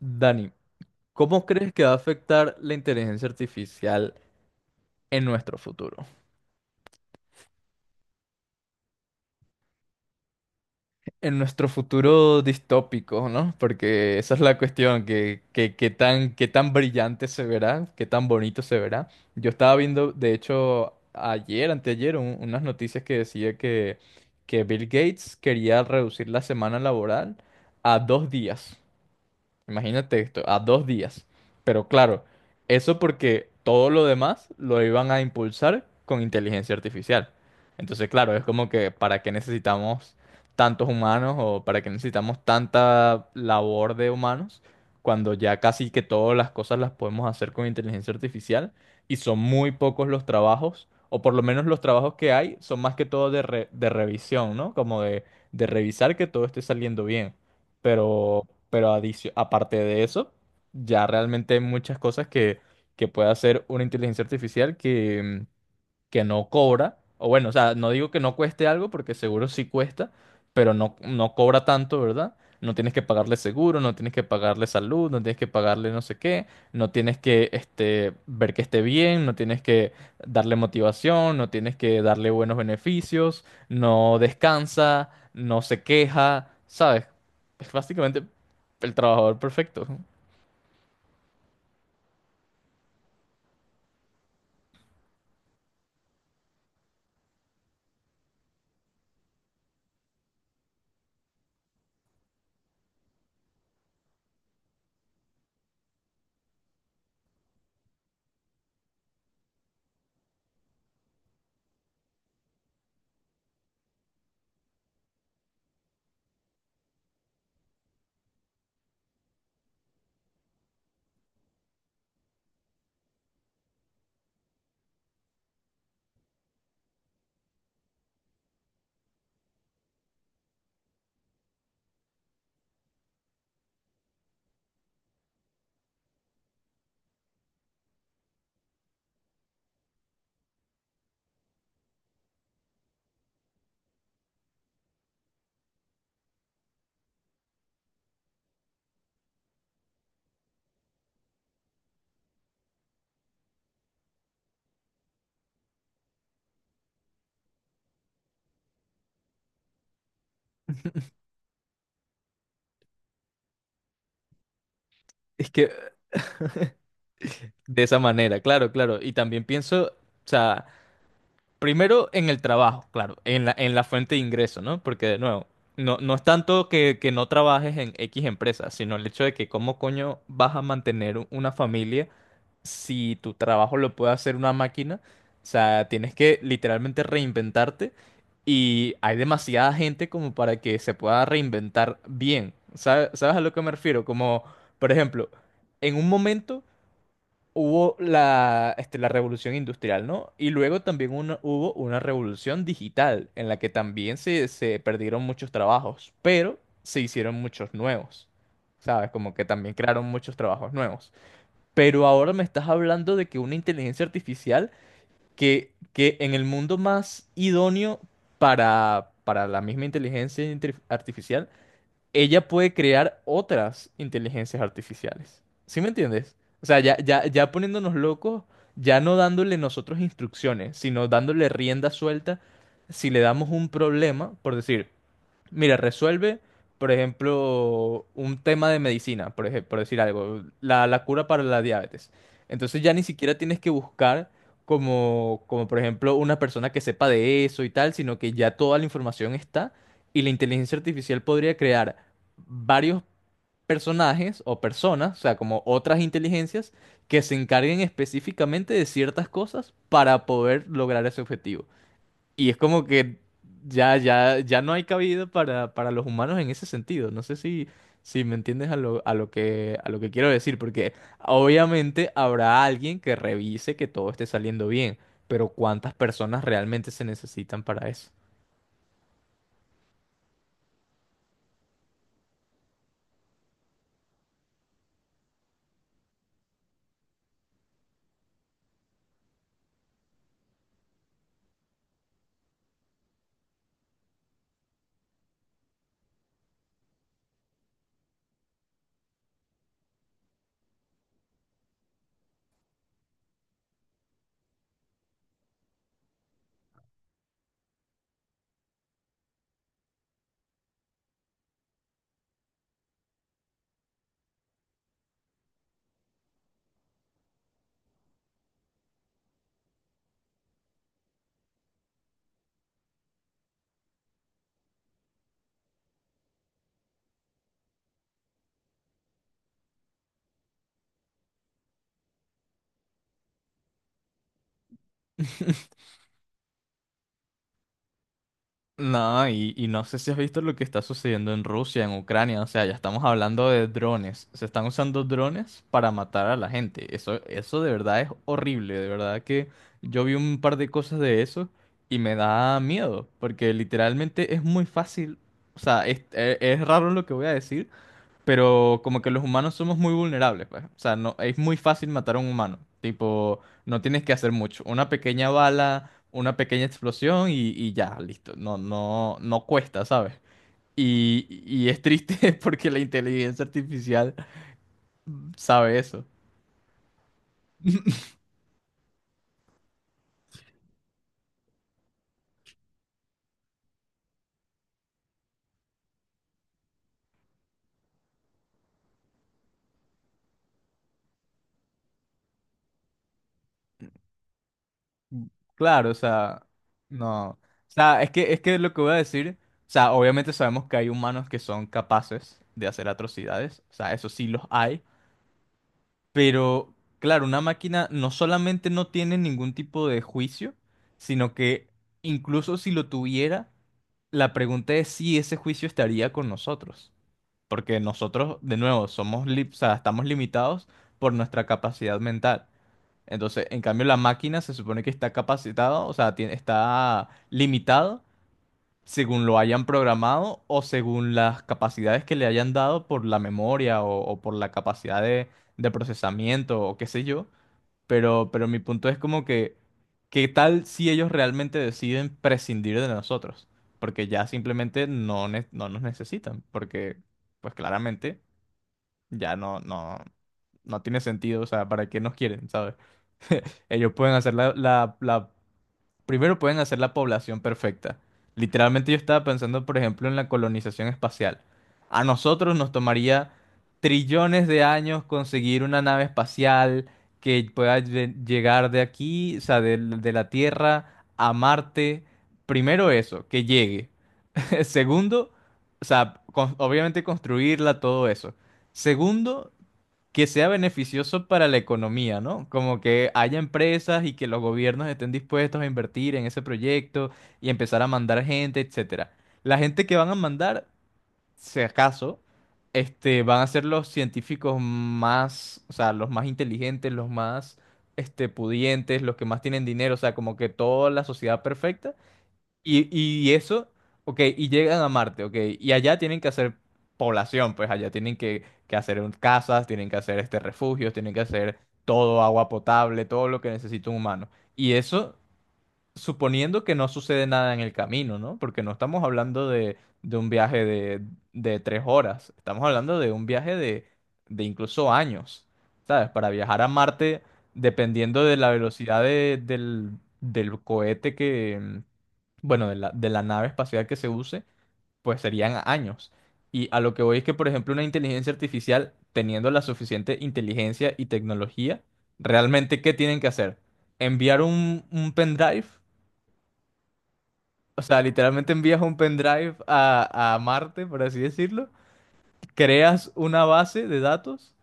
Dani, ¿cómo crees que va a afectar la inteligencia artificial en nuestro futuro? En nuestro futuro distópico, ¿no? Porque esa es la cuestión, qué tan brillante se verá, qué tan bonito se verá. Yo estaba viendo, de hecho, ayer, anteayer, unas noticias que decía que Bill Gates quería reducir la semana laboral a 2 días. Imagínate esto, a 2 días. Pero claro, eso porque todo lo demás lo iban a impulsar con inteligencia artificial. Entonces, claro, es como que ¿para qué necesitamos tantos humanos o para qué necesitamos tanta labor de humanos cuando ya casi que todas las cosas las podemos hacer con inteligencia artificial y son muy pocos los trabajos, o por lo menos los trabajos que hay son más que todo de revisión, ¿no? Como de revisar que todo esté saliendo bien pero, pero aparte de eso, ya realmente hay muchas cosas que puede hacer una inteligencia artificial que no cobra, o bueno, o sea, no digo que no cueste algo porque seguro sí cuesta, pero no, no cobra tanto, ¿verdad? No tienes que pagarle seguro, no tienes que pagarle salud, no tienes que pagarle no sé qué, no tienes que este, ver que esté bien, no tienes que darle motivación, no tienes que darle buenos beneficios, no descansa, no se queja, ¿sabes? Es básicamente el trabajador perfecto. Es que de esa manera, claro, claro. Y también pienso, o sea, primero en el trabajo, claro, en la fuente de ingreso, ¿no? Porque de nuevo, no, no es tanto que, no trabajes en X empresa, sino el hecho de que cómo coño vas a mantener una familia si tu trabajo lo puede hacer una máquina. O sea, tienes que literalmente reinventarte y hay demasiada gente como para que se pueda reinventar bien. ¿Sabes, sabes a lo que me refiero? Como, por ejemplo, en un momento hubo la revolución industrial, ¿no? Y luego también hubo una revolución digital en la que también se perdieron muchos trabajos, pero se hicieron muchos nuevos, ¿sabes? Como que también crearon muchos trabajos nuevos. Pero ahora me estás hablando de que una inteligencia artificial que en el mundo más idóneo para la misma artificial ella puede crear otras inteligencias artificiales. ¿Sí me entiendes? O sea, ya, ya, ya poniéndonos locos, ya no dándole nosotros instrucciones, sino dándole rienda suelta, si le damos un problema, por decir. Mira, resuelve, por ejemplo, un tema de medicina, por ejemplo, por decir algo, la cura para la diabetes. Entonces ya ni siquiera tienes que buscar como, por ejemplo, una persona que sepa de eso y tal, sino que ya toda la información está y la inteligencia artificial podría crear varios personajes o personas, o sea, como otras inteligencias que se encarguen específicamente de ciertas cosas para poder lograr ese objetivo. Y es como que ya, ya, ya no hay cabida para los humanos en ese sentido. No sé si, si me entiendes a lo que quiero decir, porque obviamente habrá alguien que revise que todo esté saliendo bien, pero ¿cuántas personas realmente se necesitan para eso? No, y no sé si has visto lo que está sucediendo en Rusia, en Ucrania, o sea, ya estamos hablando de drones, se están usando drones para matar a la gente, eso de verdad es horrible, de verdad que yo vi un par de cosas de eso y me da miedo, porque literalmente es muy fácil, o sea, es raro lo que voy a decir, pero como que los humanos somos muy vulnerables, pues. O sea, no, es muy fácil matar a un humano. Tipo, no tienes que hacer mucho. Una pequeña bala, una pequeña explosión y ya, listo. No, no, no cuesta, ¿sabes? Y es triste porque la inteligencia artificial sabe eso. Claro, o sea, no. O sea, es que lo que voy a decir, o sea, obviamente sabemos que hay humanos que son capaces de hacer atrocidades. O sea, eso sí los hay. Pero, claro, una máquina no solamente no tiene ningún tipo de juicio, sino que incluso si lo tuviera, la pregunta es si ese juicio estaría con nosotros. Porque nosotros, de nuevo, o sea, estamos limitados por nuestra capacidad mental. Entonces, en cambio, la máquina se supone que está capacitada, o sea, está limitada según lo hayan programado o según las capacidades que le hayan dado por la memoria o por la capacidad de procesamiento o qué sé yo. Pero mi punto es como que, ¿qué tal si ellos realmente deciden prescindir de nosotros? Porque ya simplemente no nos necesitan, porque pues claramente ya no, no, no tiene sentido, o sea, ¿para qué nos quieren, sabes? Ellos pueden hacer la Primero pueden hacer la población perfecta. Literalmente yo estaba pensando, por ejemplo, en la colonización espacial. A nosotros nos tomaría trillones de años conseguir una nave espacial que pueda llegar de aquí, o sea, la Tierra a Marte. Primero eso, que llegue. Segundo, o sea, obviamente construirla, todo eso. Segundo, que sea beneficioso para la economía, ¿no? Como que haya empresas y que los gobiernos estén dispuestos a invertir en ese proyecto y empezar a mandar gente, etcétera. La gente que van a mandar, si acaso, este, van a ser los científicos más, o sea, los más inteligentes, los más, este, pudientes, los que más tienen dinero, o sea, como que toda la sociedad perfecta y eso, ok, y llegan a Marte, ok, y allá tienen que hacer población, pues allá tienen que hacer casas, tienen que hacer este refugios, tienen que hacer todo, agua potable, todo lo que necesita un humano. Y eso suponiendo que no sucede nada en el camino, ¿no? Porque no estamos hablando de un viaje de 3 horas, estamos hablando de un viaje de incluso años, ¿sabes? Para viajar a Marte, dependiendo de la velocidad del cohete bueno, de de la nave espacial que se use, pues serían años. Y a lo que voy es que, por ejemplo, una inteligencia artificial, teniendo la suficiente inteligencia y tecnología, realmente, ¿qué tienen que hacer? Enviar un pendrive, o sea, literalmente envías un pendrive a Marte, por así decirlo, creas una base de datos.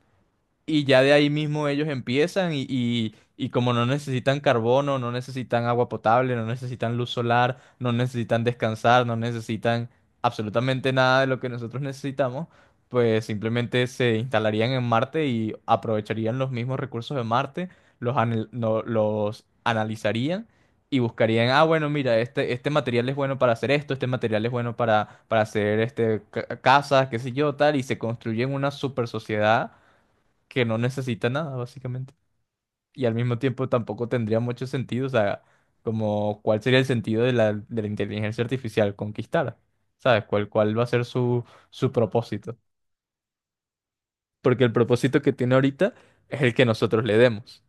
Y ya de ahí mismo ellos empiezan y como no necesitan carbono, no necesitan agua potable, no necesitan luz solar, no necesitan descansar, no necesitan absolutamente nada de lo que nosotros necesitamos, pues simplemente se instalarían en Marte y aprovecharían los mismos recursos de Marte, los, anal- no- los analizarían y buscarían, ah, bueno, mira, este material es bueno para hacer esto, este material es bueno para hacer este, casas, qué sé yo, tal, y se construyen una super sociedad que no necesita nada, básicamente. Y al mismo tiempo tampoco tendría mucho sentido, o sea, como cuál sería el sentido de de la inteligencia artificial, conquistar, ¿sabes? Cuál va a ser su propósito? Porque el propósito que tiene ahorita es el que nosotros le demos.